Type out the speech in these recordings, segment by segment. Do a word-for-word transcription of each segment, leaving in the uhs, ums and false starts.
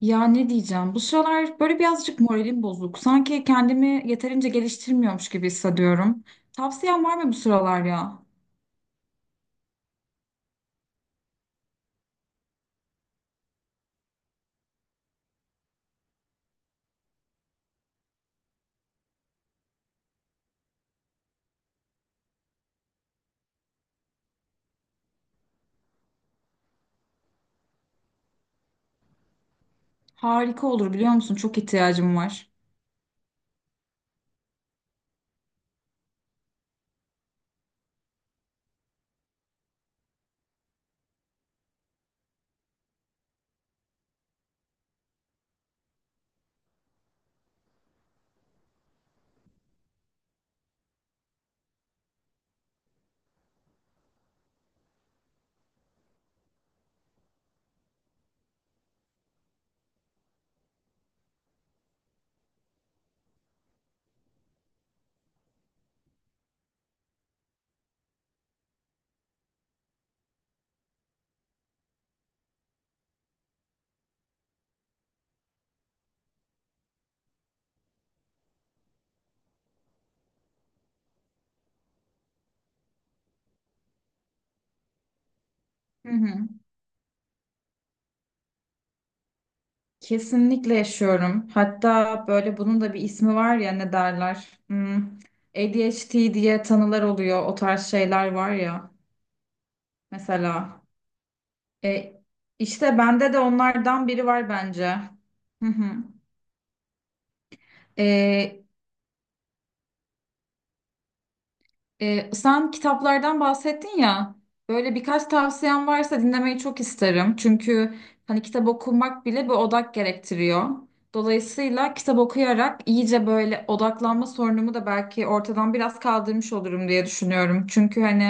Ya ne diyeceğim? Bu sıralar böyle birazcık moralim bozuk. Sanki kendimi yeterince geliştirmiyormuş gibi hissediyorum. Tavsiyen var mı bu sıralar ya? Harika olur biliyor musun? Çok ihtiyacım var. Hı hı. Kesinlikle yaşıyorum. Hatta böyle bunun da bir ismi var ya ne derler? Hmm. A D H D diye tanılar oluyor. O tarz şeyler var ya. Mesela. E, işte bende de onlardan biri var bence. Hı hı. E, Ee, sen kitaplardan bahsettin ya. Böyle birkaç tavsiyen varsa dinlemeyi çok isterim. Çünkü hani kitap okumak bile bir odak gerektiriyor. Dolayısıyla kitap okuyarak iyice böyle odaklanma sorunumu da belki ortadan biraz kaldırmış olurum diye düşünüyorum. Çünkü hani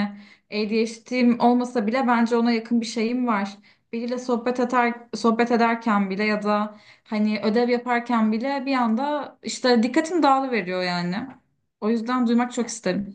A D H D'm olmasa bile bence ona yakın bir şeyim var. Biriyle sohbet eder, sohbet ederken bile ya da hani ödev yaparken bile bir anda işte dikkatim dağılıveriyor yani. O yüzden duymak çok isterim.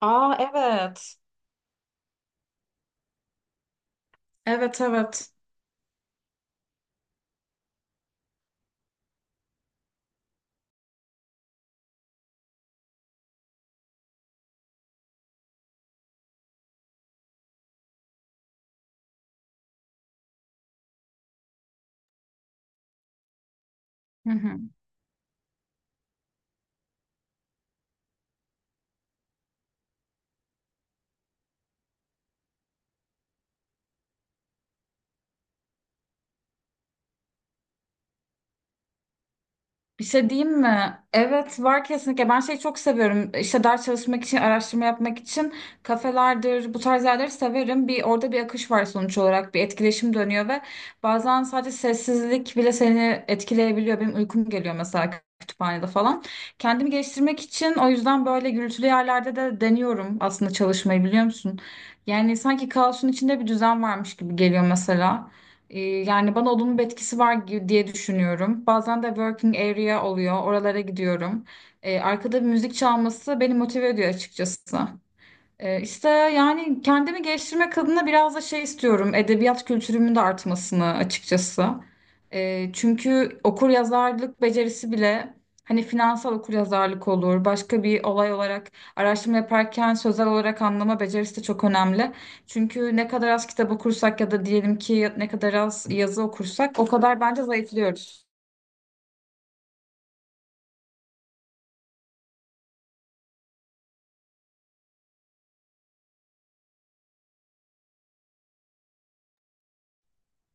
Aa, evet. Evet, evet. Hı hı. Bir şey diyeyim mi? Evet, var kesinlikle. Ben şeyi çok seviyorum. İşte ders çalışmak için, araştırma yapmak için kafelerdir, bu tarz yerleri severim. Bir orada bir akış var sonuç olarak. Bir etkileşim dönüyor ve bazen sadece sessizlik bile seni etkileyebiliyor. Benim uykum geliyor mesela kütüphanede falan. Kendimi geliştirmek için o yüzden böyle gürültülü yerlerde de deniyorum aslında çalışmayı biliyor musun? Yani sanki kaosun içinde bir düzen varmış gibi geliyor mesela. Ee, Yani bana olumlu bir etkisi var gi- diye düşünüyorum. Bazen de working area oluyor. Oralara gidiyorum. Ee, arkada bir müzik çalması beni motive ediyor açıkçası. Ee, işte yani kendimi geliştirmek adına biraz da şey istiyorum. Edebiyat kültürümün de artmasını açıkçası. Ee, çünkü okuryazarlık becerisi bile hani finansal okuryazarlık olur. Başka bir olay olarak araştırma yaparken sözel olarak anlama becerisi de çok önemli. Çünkü ne kadar az kitap okursak ya da diyelim ki ne kadar az yazı okursak o kadar bence zayıflıyoruz.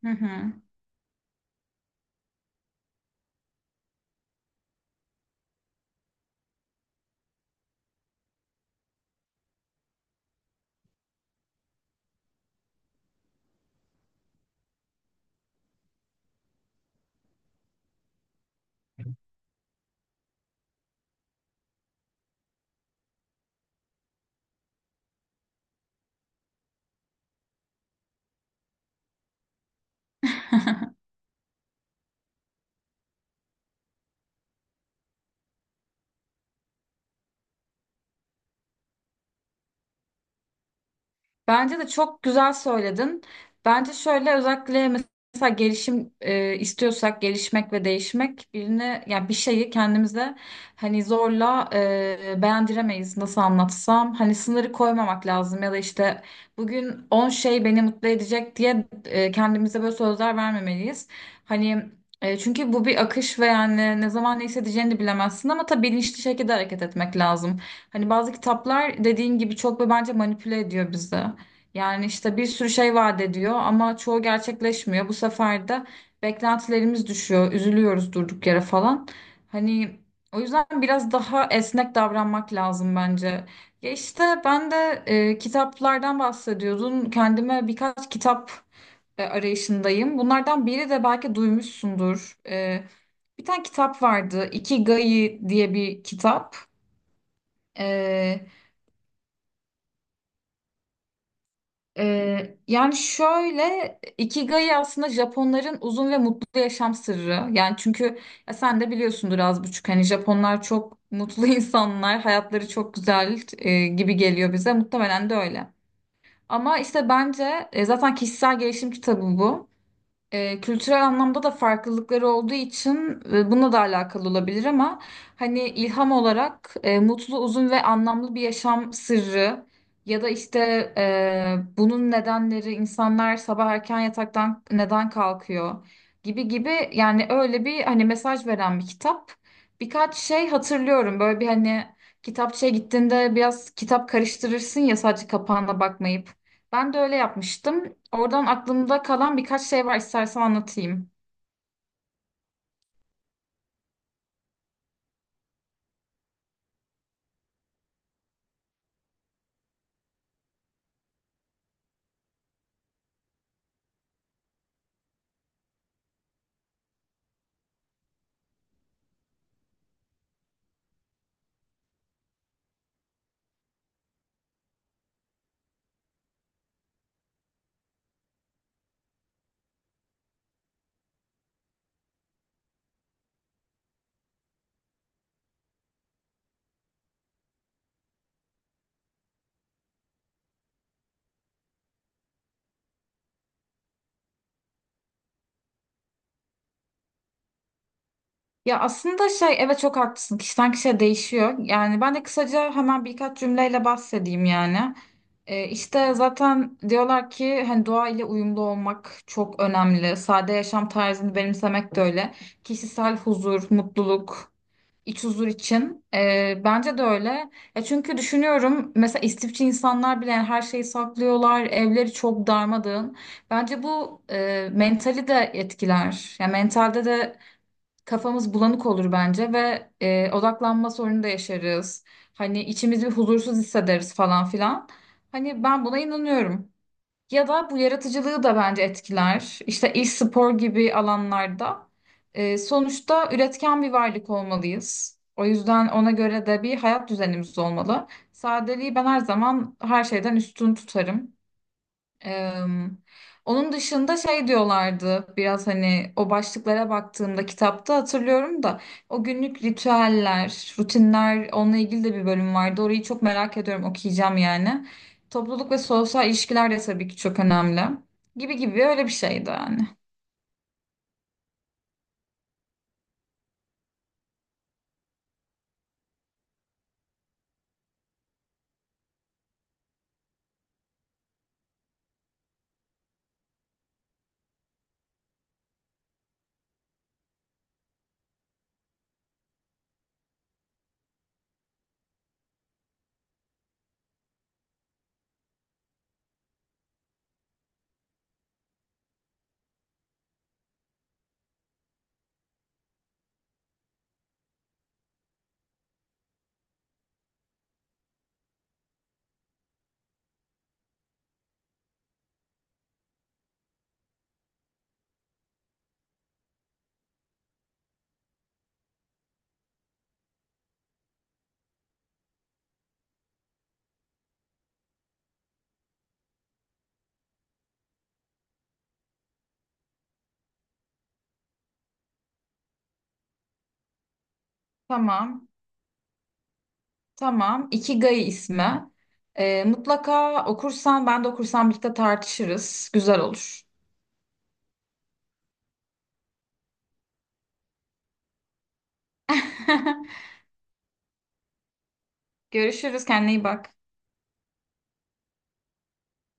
Hı hı. Bence de çok güzel söyledin. Bence şöyle, özellikle mesela gelişim e, istiyorsak, gelişmek ve değişmek birine, yani bir şeyi kendimize hani zorla e, beğendiremeyiz, nasıl anlatsam. Hani sınırı koymamak lazım ya da işte bugün on şey beni mutlu edecek diye e, kendimize böyle sözler vermemeliyiz. Hani e, çünkü bu bir akış ve yani ne zaman ne hissedeceğini bilemezsin ama tabii bilinçli şekilde hareket etmek lazım. Hani bazı kitaplar dediğin gibi çok ve bence manipüle ediyor bizi. Yani işte bir sürü şey vaat ediyor ama çoğu gerçekleşmiyor. Bu sefer de beklentilerimiz düşüyor, üzülüyoruz durduk yere falan. Hani o yüzden biraz daha esnek davranmak lazım bence. Ya işte ben de e, kitaplardan bahsediyordun. Kendime birkaç kitap e, arayışındayım. Bunlardan biri de belki duymuşsundur. E, bir tane kitap vardı. Ikigai diye bir kitap. E, Ee, yani şöyle, Ikigai aslında Japonların uzun ve mutlu yaşam sırrı. Yani çünkü ya sen de biliyorsundur az buçuk, hani Japonlar çok mutlu insanlar, hayatları çok güzel e, gibi geliyor bize. Muhtemelen de öyle. Ama işte bence e, zaten kişisel gelişim kitabı bu. E, kültürel anlamda da farklılıkları olduğu için e, bununla da alakalı olabilir ama hani ilham olarak e, mutlu, uzun ve anlamlı bir yaşam sırrı ya da işte e, bunun nedenleri, insanlar sabah erken yataktan neden kalkıyor gibi gibi, yani öyle bir hani mesaj veren bir kitap. Birkaç şey hatırlıyorum, böyle bir hani kitapçıya gittiğinde biraz kitap karıştırırsın ya sadece kapağına bakmayıp. Ben de öyle yapmıştım. Oradan aklımda kalan birkaç şey var, istersen anlatayım. Ya aslında şey, evet, çok haklısın. Kişiden kişiye değişiyor. Yani ben de kısaca hemen birkaç cümleyle bahsedeyim yani. Ee, işte zaten diyorlar ki hani doğa ile uyumlu olmak çok önemli. Sade yaşam tarzını benimsemek de öyle. Kişisel huzur, mutluluk, İç huzur için. Ee, bence de öyle. Ya çünkü düşünüyorum mesela istifçi insanlar bile yani her şeyi saklıyorlar. Evleri çok darmadığın. Bence bu e, mentali de etkiler. Yani mentalde de kafamız bulanık olur bence ve e, odaklanma sorunu da yaşarız. Hani içimizi bir huzursuz hissederiz falan filan. Hani ben buna inanıyorum. Ya da bu yaratıcılığı da bence etkiler. İşte e-spor gibi alanlarda. Ee, sonuçta üretken bir varlık olmalıyız. O yüzden ona göre de bir hayat düzenimiz olmalı. Sadeliği ben her zaman her şeyden üstün tutarım. Eee, Onun dışında şey diyorlardı, biraz hani o başlıklara baktığımda kitapta, hatırlıyorum da o günlük ritüeller, rutinler, onunla ilgili de bir bölüm vardı. Orayı çok merak ediyorum, okuyacağım yani. Topluluk ve sosyal ilişkiler de tabii ki çok önemli. Gibi gibi, öyle bir şeydi yani. Tamam. Tamam. Ikigai ismi. Eee, mutlaka okursan, ben de okursam birlikte tartışırız. Güzel olur. Görüşürüz, kendine iyi bak.